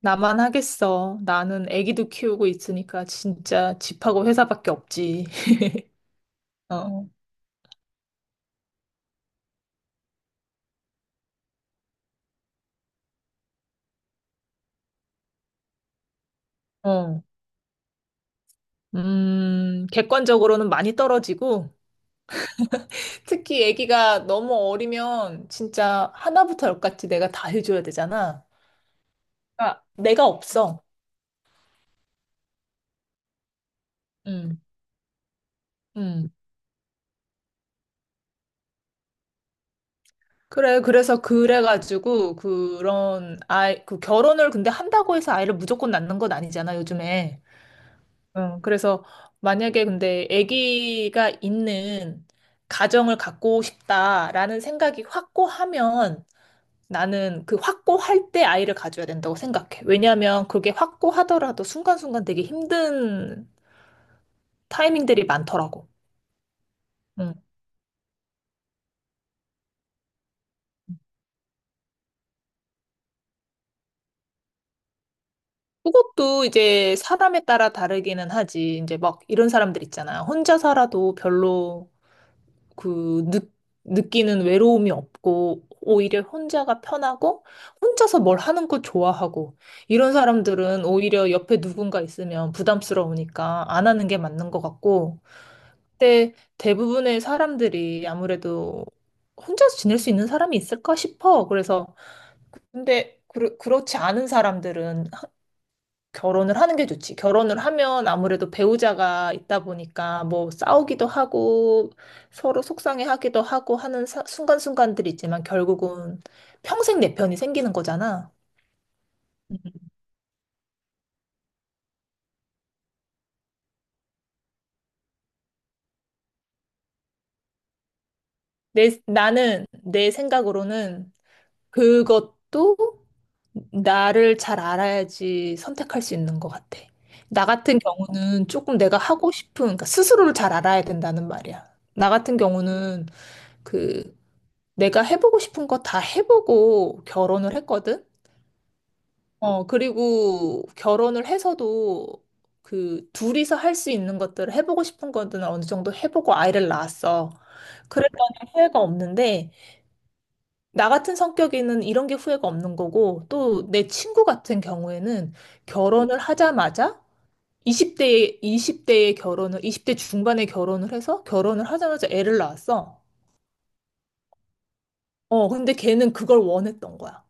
나만 하겠어. 나는 아기도 키우고 있으니까 진짜 집하고 회사밖에 없지. 어, 어, 어. 객관적으로는 많이 떨어지고, 특히 아기가 너무 어리면 진짜 하나부터 열까지 내가 다 해줘야 되잖아. 그러니까 내가 없어. 음, 음. 그래, 그래서 그래가지고, 그런, 아이, 그 결혼을 근데 한다고 해서 아이를 무조건 낳는 건 아니잖아, 요즘에. 응, 그래서 만약에 근데 아기가 있는 가정을 갖고 싶다라는 생각이 확고하면 나는 그 확고할 때 아이를 가져야 된다고 생각해. 왜냐하면 그게 확고하더라도 순간순간 되게 힘든 타이밍들이 많더라고. 응. 그것도 이제 사람에 따라 다르기는 하지. 이제 막 이런 사람들 있잖아. 혼자 살아도 별로 그 느끼는 외로움이 없고 오히려 혼자가 편하고 혼자서 뭘 하는 거 좋아하고 이런 사람들은 오히려 옆에 누군가 있으면 부담스러우니까 안 하는 게 맞는 것 같고 근데 대부분의 사람들이 아무래도 혼자서 지낼 수 있는 사람이 있을까 싶어. 그래서 근데 그렇지 않은 사람들은 결혼을 하는 게 좋지. 결혼을 하면 아무래도 배우자가 있다 보니까 뭐 싸우기도 하고 서로 속상해하기도 하고 하는 순간순간들이 있지만 결국은 평생 내 편이 생기는 거잖아. 나는 내 생각으로는 그것도 나를 잘 알아야지 선택할 수 있는 것 같아. 나 같은 경우는 조금 내가 하고 싶은, 그러니까 스스로를 잘 알아야 된다는 말이야. 나 같은 경우는 그 내가 해보고 싶은 거 다 해보고 결혼을 했거든? 어, 그리고 결혼을 해서도 그 둘이서 할 수 있는 것들을 해보고 싶은 것들은 어느 정도 해보고 아이를 낳았어. 그랬더니 후회가 없는데, 나 같은 성격에는 이런 게 후회가 없는 거고, 또 내 친구 같은 경우에는 결혼을 하자마자 20대에, 20대에 결혼을, 20대 중반에 결혼을 해서 결혼을 하자마자 애를 낳았어. 어, 근데 걔는 그걸 원했던 거야.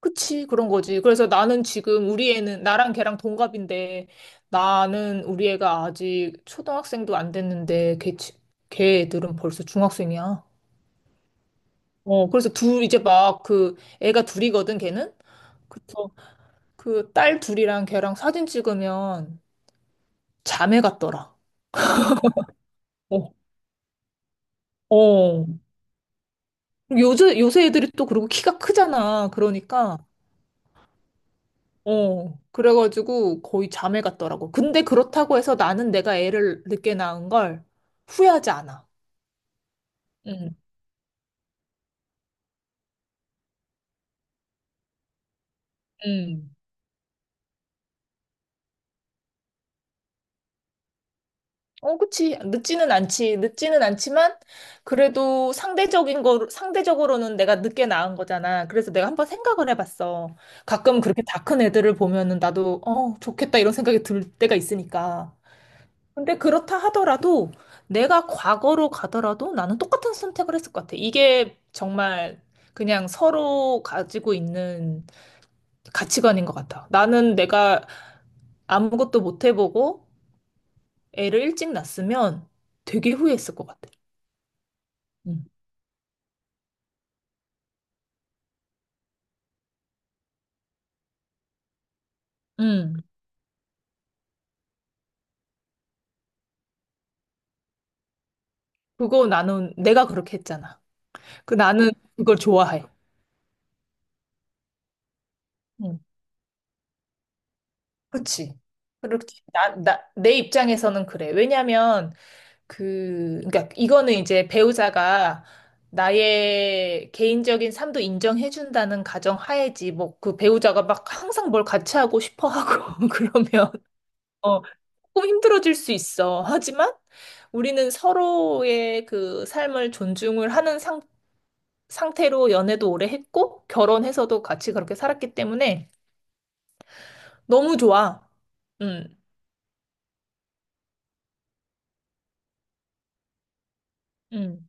그치, 그런 거지. 그래서 나는 지금 우리 애는, 나랑 걔랑 동갑인데, 나는 우리 애가 아직 초등학생도 안 됐는데, 걔 애들은 벌써 중학생이야. 어, 그래서 둘, 이제 막 그, 애가 둘이거든, 걔는? 그래서 그 딸 둘이랑 걔랑 사진 찍으면 자매 같더라. 어, 어. 요새 애들이 또 그리고 키가 크잖아. 그러니까. 어, 그래가지고 거의 잠에 갔더라고. 근데 그렇다고 해서 나는 내가 애를 늦게 낳은 걸 후회하지 않아. 응, 응. 어, 그치. 늦지는 않지. 늦지는 않지만, 그래도 상대적인 거, 상대적으로는 내가 늦게 낳은 거잖아. 그래서 내가 한번 생각을 해봤어. 가끔 그렇게 다 큰 애들을 보면은 나도, 좋겠다 이런 생각이 들 때가 있으니까. 근데 그렇다 하더라도 내가 과거로 가더라도 나는 똑같은 선택을 했을 것 같아. 이게 정말 그냥 서로 가지고 있는 가치관인 것 같아. 나는 내가 아무것도 못 해보고 애를 일찍 낳았으면 되게 후회했을 것 같아. 응. 응. 그거 나는 내가 그렇게 했잖아. 그 나는 그걸 좋아해. 응. 그지, 그렇지. 내 입장에서는 그래. 왜냐면, 그러니까 이거는 이제 배우자가 나의 개인적인 삶도 인정해준다는 가정 하에지, 뭐, 그 배우자가 막 항상 뭘 같이 하고 싶어 하고, 그러면, 어, 조금 힘들어질 수 있어. 하지만 우리는 서로의 그 삶을 존중을 하는 상태로 연애도 오래 했고, 결혼해서도 같이 그렇게 살았기 때문에 너무 좋아. 음, 음.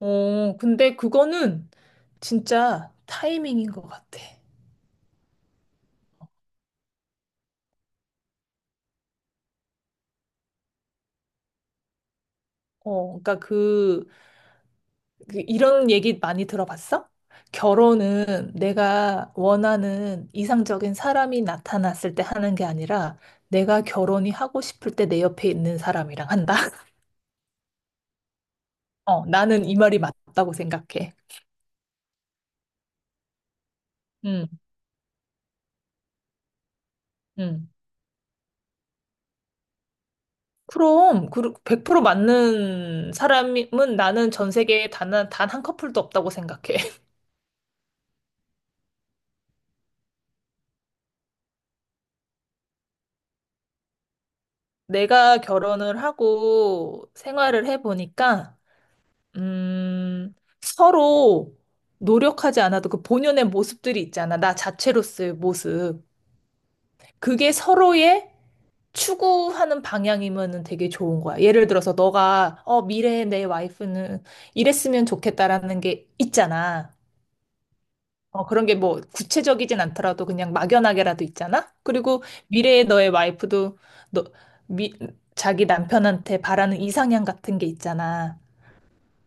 어, 근데 그거는 진짜 타이밍인 것 같아. 어, 그러니까 그, 이런 얘기 많이 들어봤어? 결혼은 내가 원하는 이상적인 사람이 나타났을 때 하는 게 아니라 내가 결혼이 하고 싶을 때 내 옆에 있는 사람이랑 한다. 어, 나는 이 말이 맞다고 생각해. 음, 음. 그럼, 그, 100% 맞는 사람은 나는 전 세계에 단한 커플도 없다고 생각해. 내가 결혼을 하고 생활을 해보니까, 음, 서로 노력하지 않아도 그 본연의 모습들이 있잖아. 나 자체로서의 모습. 그게 서로의 추구하는 방향이면은 되게 좋은 거야. 예를 들어서 너가, 미래의 내 와이프는 이랬으면 좋겠다라는 게 있잖아. 어, 그런 게 뭐 구체적이진 않더라도 그냥 막연하게라도 있잖아? 그리고 미래의 너의 와이프도 너, 미, 자기 남편한테 바라는 이상향 같은 게 있잖아.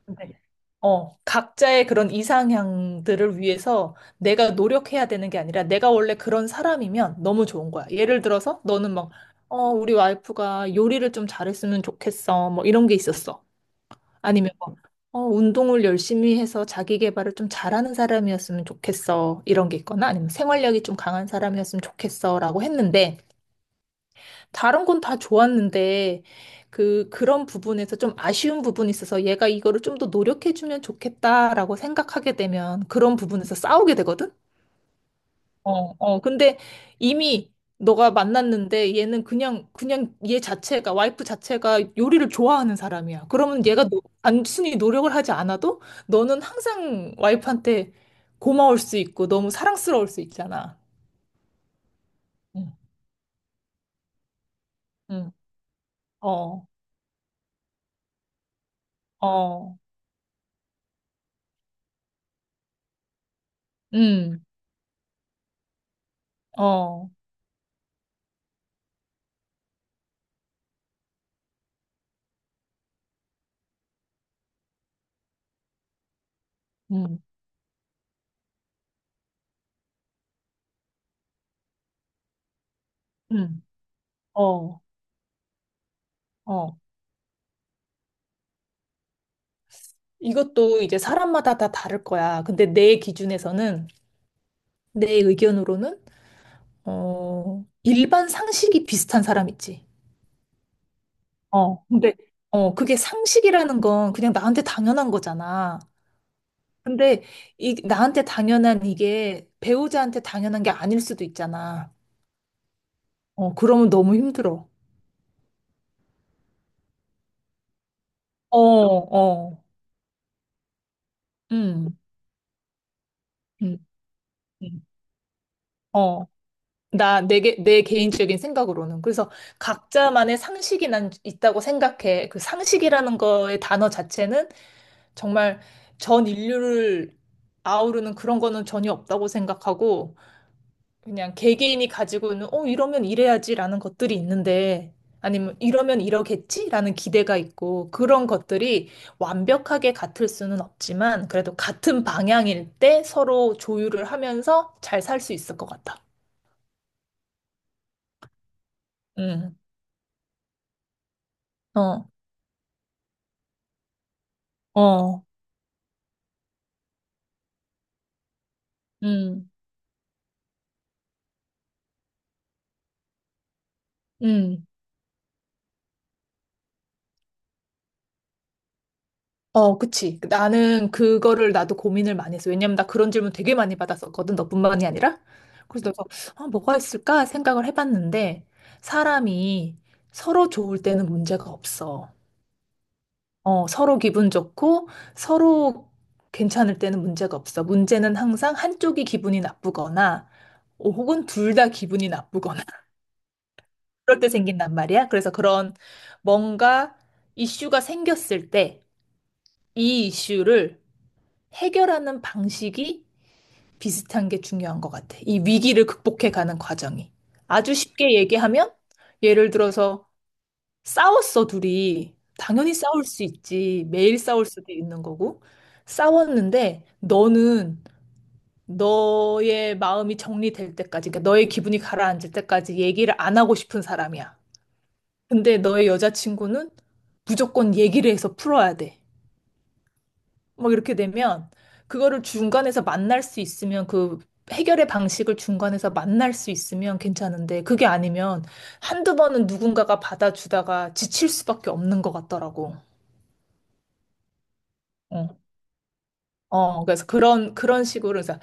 네. 어, 각자의 그런 이상향들을 위해서 내가 노력해야 되는 게 아니라 내가 원래 그런 사람이면 너무 좋은 거야. 예를 들어서 너는 막, 우리 와이프가 요리를 좀 잘했으면 좋겠어. 뭐 이런 게 있었어. 아니면 운동을 열심히 해서 자기 개발을 좀 잘하는 사람이었으면 좋겠어. 이런 게 있거나 아니면 생활력이 좀 강한 사람이었으면 좋겠어. 라고 했는데, 다른 건 다 좋았는데, 그런 부분에서 좀 아쉬운 부분이 있어서 얘가 이거를 좀 더 노력해주면 좋겠다라고 생각하게 되면 그런 부분에서 싸우게 되거든? 어, 어. 근데 이미 너가 만났는데 얘는 그냥 얘 자체가, 와이프 자체가 요리를 좋아하는 사람이야. 그러면 얘가 단순히 노력을 하지 않아도 너는 항상 와이프한테 고마울 수 있고 너무 사랑스러울 수 있잖아. 응, 응, 어, 어, 음, 어, 음, 음, 어, 어. 이것도 이제 사람마다 다 다를 거야. 근데 내 기준에서는, 내 의견으로는, 일반 상식이 비슷한 사람 있지. 어, 근데, 그게 상식이라는 건 그냥 나한테 당연한 거잖아. 근데 이, 나한테 당연한 이게 배우자한테 당연한 게 아닐 수도 있잖아. 어, 그러면 너무 힘들어. 어, 어, 음, 음, 음. 어. 내 개인적인 생각으로는. 그래서 각자만의 상식이 난 있다고 생각해. 그 상식이라는 거의 단어 자체는 정말 전 인류를 아우르는 그런 거는 전혀 없다고 생각하고, 그냥 개개인이 가지고 있는, 이러면 이래야지라는 것들이 있는데, 아니면 이러면 이러겠지라는 기대가 있고, 그런 것들이 완벽하게 같을 수는 없지만, 그래도 같은 방향일 때 서로 조율을 하면서 잘 살 수 있을 것 같아. 음, 어, 어, 음, 음. 어, 그치. 나는 그거를 나도 고민을 많이 했어. 왜냐면 나 그런 질문 되게 많이 받았었거든. 너뿐만이 아니라. 그래서 내가, 아, 뭐가 있을까 생각을 해봤는데, 사람이 서로 좋을 때는 문제가 없어. 서로 기분 좋고, 서로 괜찮을 때는 문제가 없어. 문제는 항상 한쪽이 기분이 나쁘거나, 혹은 둘 다 기분이 나쁘거나, 그럴 때 생긴단 말이야. 그래서 그런 뭔가 이슈가 생겼을 때, 이 이슈를 해결하는 방식이 비슷한 게 중요한 것 같아. 이 위기를 극복해 가는 과정이. 아주 쉽게 얘기하면, 예를 들어서 싸웠어, 둘이. 당연히 싸울 수 있지. 매일 싸울 수도 있는 거고. 싸웠는데, 너는 너의 마음이 정리될 때까지, 그러니까 너의 기분이 가라앉을 때까지 얘기를 안 하고 싶은 사람이야. 근데 너의 여자친구는 무조건 얘기를 해서 풀어야 돼. 막 이렇게 되면 그거를 중간에서 만날 수 있으면 그 해결의 방식을 중간에서 만날 수 있으면 괜찮은데 그게 아니면 한두 번은 누군가가 받아주다가 지칠 수밖에 없는 것 같더라고. 어, 어, 그래서 그런 식으로 그래서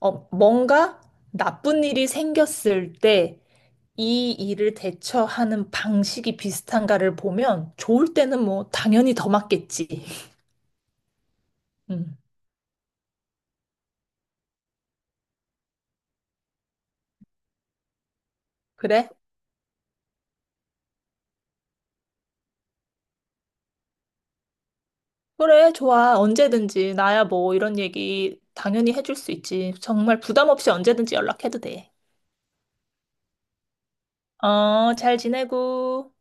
뭔가 나쁜 일이 생겼을 때 이 일을 대처하는 방식이 비슷한가를 보면 좋을 때는 뭐 당연히 더 맞겠지. 음. 그래? 그래, 좋아. 언제든지. 나야 뭐 이런 얘기 당연히 해줄 수 있지. 정말 부담 없이 언제든지 연락해도 돼. 어, 잘 지내고.